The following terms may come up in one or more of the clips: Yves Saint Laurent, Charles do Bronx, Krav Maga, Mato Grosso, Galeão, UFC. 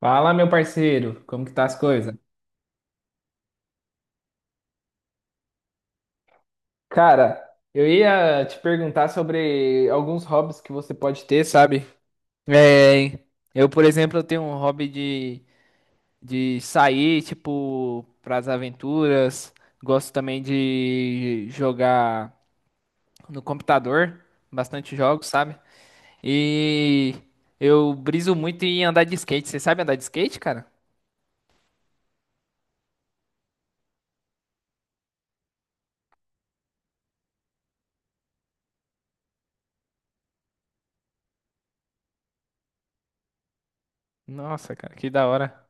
Fala, meu parceiro, como que tá as coisas? Cara, eu ia te perguntar sobre alguns hobbies que você pode ter, sabe? É, eu, por exemplo, eu tenho um hobby de sair, tipo, pras aventuras. Gosto também de jogar no computador, bastante jogos, sabe? E eu briso muito em andar de skate. Você sabe andar de skate, cara? Nossa, cara, que da hora.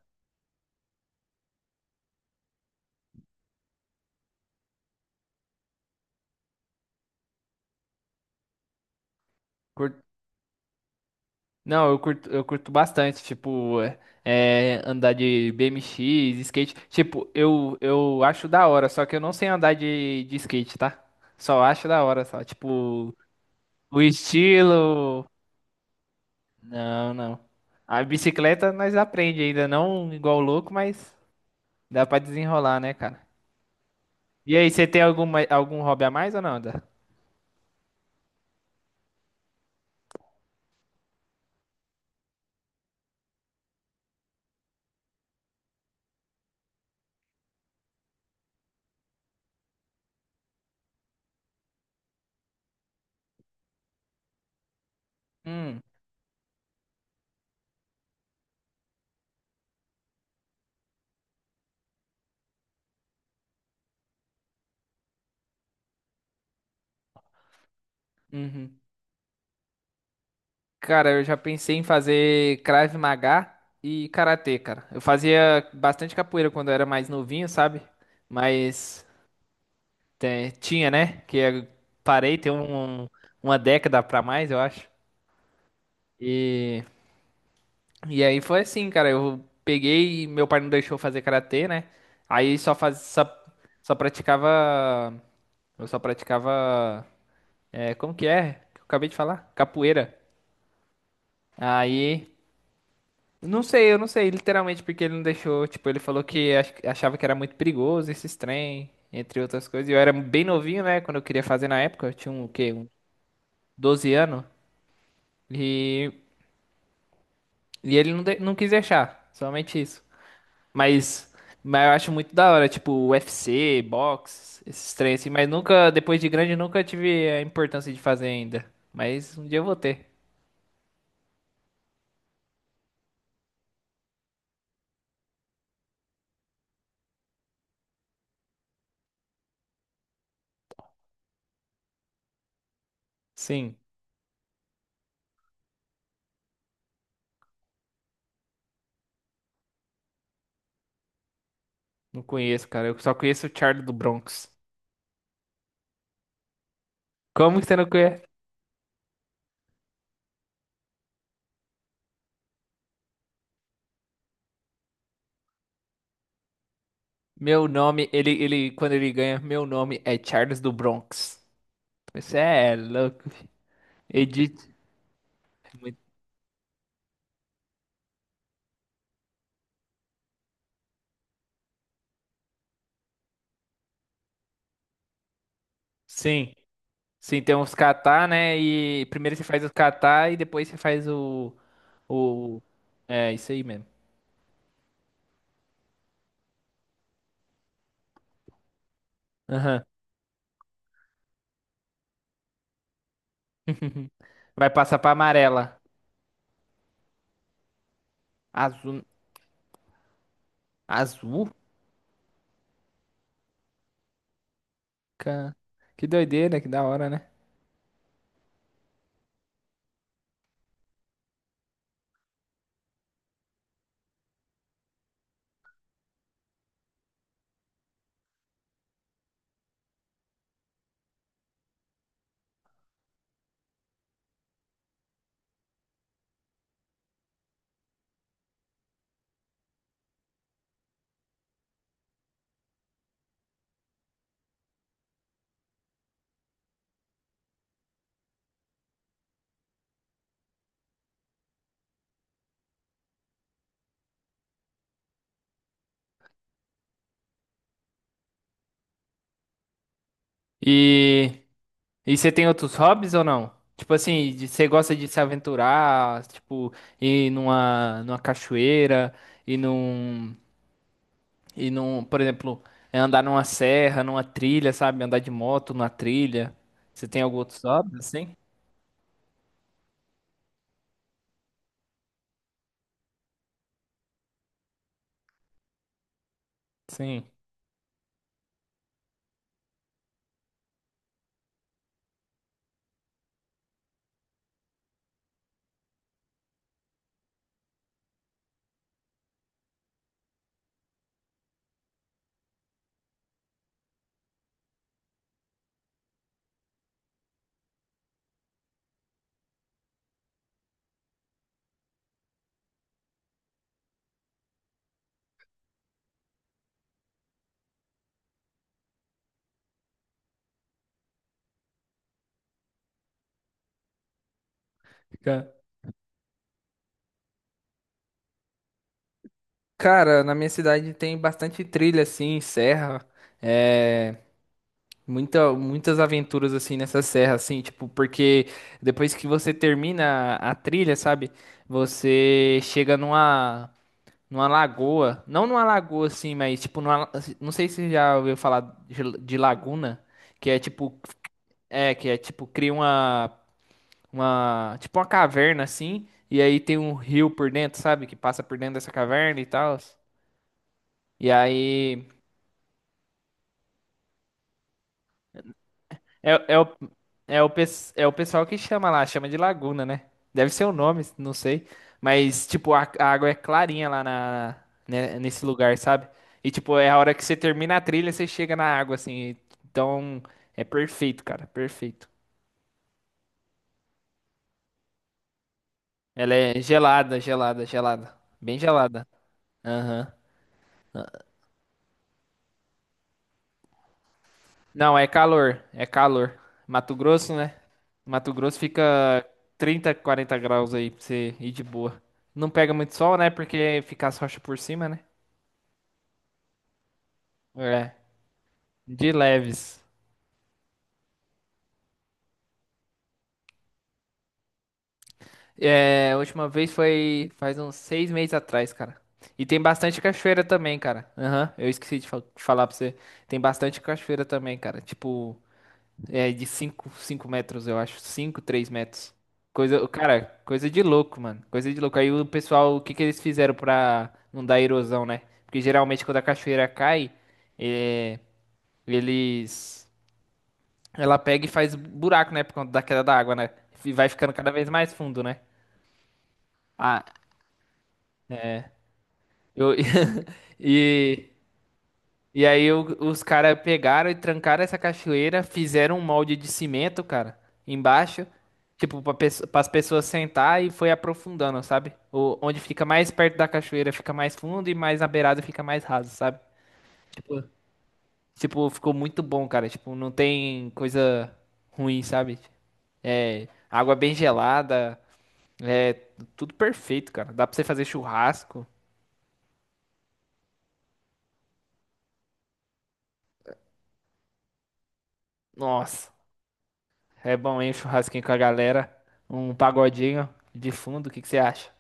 Não, eu curto bastante, tipo, andar de BMX, skate. Tipo, eu acho da hora, só que eu não sei andar de skate, tá? Só acho da hora, só. Tipo, o estilo. Não, não. A bicicleta nós aprende ainda, não igual louco, mas dá pra desenrolar, né, cara? E aí, você tem algum hobby a mais ou não, Dan? Hum, uhum. Cara, eu já pensei em fazer Krav Maga e karatê, cara. Eu fazia bastante capoeira quando eu era mais novinho, sabe? Mas tinha, né? Que eu parei tem um- uma década pra mais, eu acho. E, e aí foi assim, cara. Eu peguei, meu pai não deixou eu fazer karatê, né? Aí só faz, só, só praticava, eu só praticava, como que é? Que eu acabei de falar, capoeira. Aí não sei, eu não sei, literalmente, porque ele não deixou. Tipo, ele falou que achava que era muito perigoso esses trem, entre outras coisas. E eu era bem novinho, né? Quando eu queria fazer na época, eu tinha um, o quê? Um 12 anos. E, e ele não, não quis deixar, somente isso. Mas, mas eu acho muito da hora, tipo, UFC, boxe, esses trem assim. Mas nunca, depois de grande, nunca tive a importância de fazer ainda. Mas um dia eu vou ter. Sim, não conheço, cara. Eu só conheço o Charlie do Bronx. Como que você não conhece? Meu nome, ele, quando ele ganha, meu nome é Charles do Bronx. Isso é louco. Fi. Edith. Muito. Sim, sim, tem uns catar, né? E primeiro você faz os catar e depois você faz o... É, isso aí mesmo. Aham. Vai passar pra amarela. Azul. Azul? Ca- Que doideira, que da hora, né? E. E você tem outros hobbies ou não? Tipo assim, de- você gosta de se aventurar, tipo, ir numa cachoeira, ir num, ir num, por exemplo, andar numa serra, numa trilha, sabe? Andar de moto numa trilha. Você tem algum outro hobby assim? Sim. Ca- Cara, na minha cidade tem bastante trilha assim, serra. Muitas aventuras assim nessa serra, assim, tipo, porque depois que você termina a trilha, sabe? Você chega numa lagoa, não numa lagoa assim, mas tipo, numa, não sei se você já ouviu falar de laguna, que é tipo, que é tipo, cria tipo uma caverna assim, e aí tem um rio por dentro, sabe? Que passa por dentro dessa caverna e tal. E aí. É, é, o, o pessoal que chama lá, chama de laguna, né? Deve ser o nome, não sei. Mas, tipo, a água é clarinha lá na, né, nesse lugar, sabe? E, tipo, é a hora que você termina a trilha, você chega na água, assim. Então, é perfeito, cara, perfeito. Ela é gelada, gelada, gelada. Bem gelada. Aham. Não, é calor, é calor. Mato Grosso, né? Mato Grosso fica 30, 40 graus aí pra você ir de boa. Não pega muito sol, né? Porque fica as rochas por cima, né? É, de leves. É, a última vez foi faz uns 6 meses atrás, cara. E tem bastante cachoeira também, cara. Aham, eu esqueci de falar pra você. Tem bastante cachoeira também, cara. Tipo, é de 5 metros, eu acho. Cinco 3 metros. Coisa, cara, coisa de louco, mano. Coisa de louco. Aí o pessoal, o que que eles fizeram pra não dar erosão, né? Porque geralmente quando a cachoeira cai, é, eles. Ela pega e faz buraco, né? Por conta da queda da água, né? E vai ficando cada vez mais fundo, né? Ah, eu. E. E aí os caras pegaram e trancaram essa cachoeira, fizeram um molde de cimento, cara, embaixo, tipo, para as pessoas sentar e foi aprofundando, sabe? Onde fica mais perto da cachoeira fica mais fundo e mais na beirada fica mais raso, sabe? Tipo, tipo, ficou muito bom, cara. Tipo, não tem coisa ruim, sabe? É, água bem gelada, é tudo perfeito, cara. Dá pra você fazer churrasco. Nossa. É bom, hein? Um churrasquinho com a galera. Um pagodinho de fundo, o que que você acha?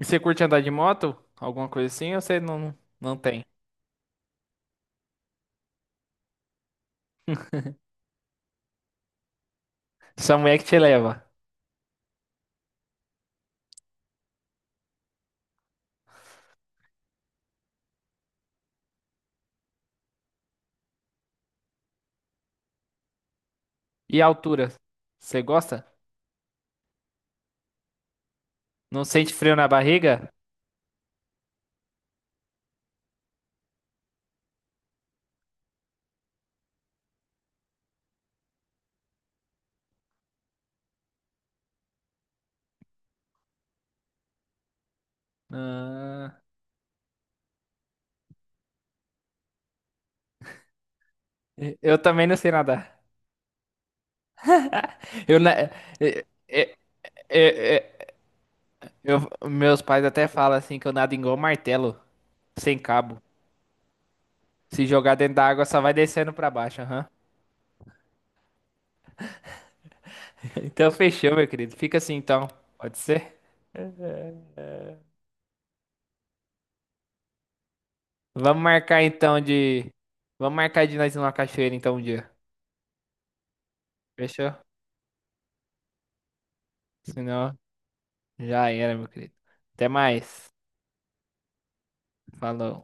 E você curte andar de moto? Alguma coisa assim? Ou você não, não tem? Sua mulher que te leva. E a altura? Você gosta? Não sente frio na barriga? Ah, eu também não sei nadar. Eu, na- é- é- é- é- eu- Meus pais até falam assim que eu nado igual martelo, sem cabo. Se jogar dentro da água, só vai descendo pra baixo, aham. Então fechou, meu querido. Fica assim então. Pode ser? Vamos marcar então de. Vamos marcar de nós ir numa cachoeira então um dia. Fechou? Senão já era, meu querido. Até mais. Falou.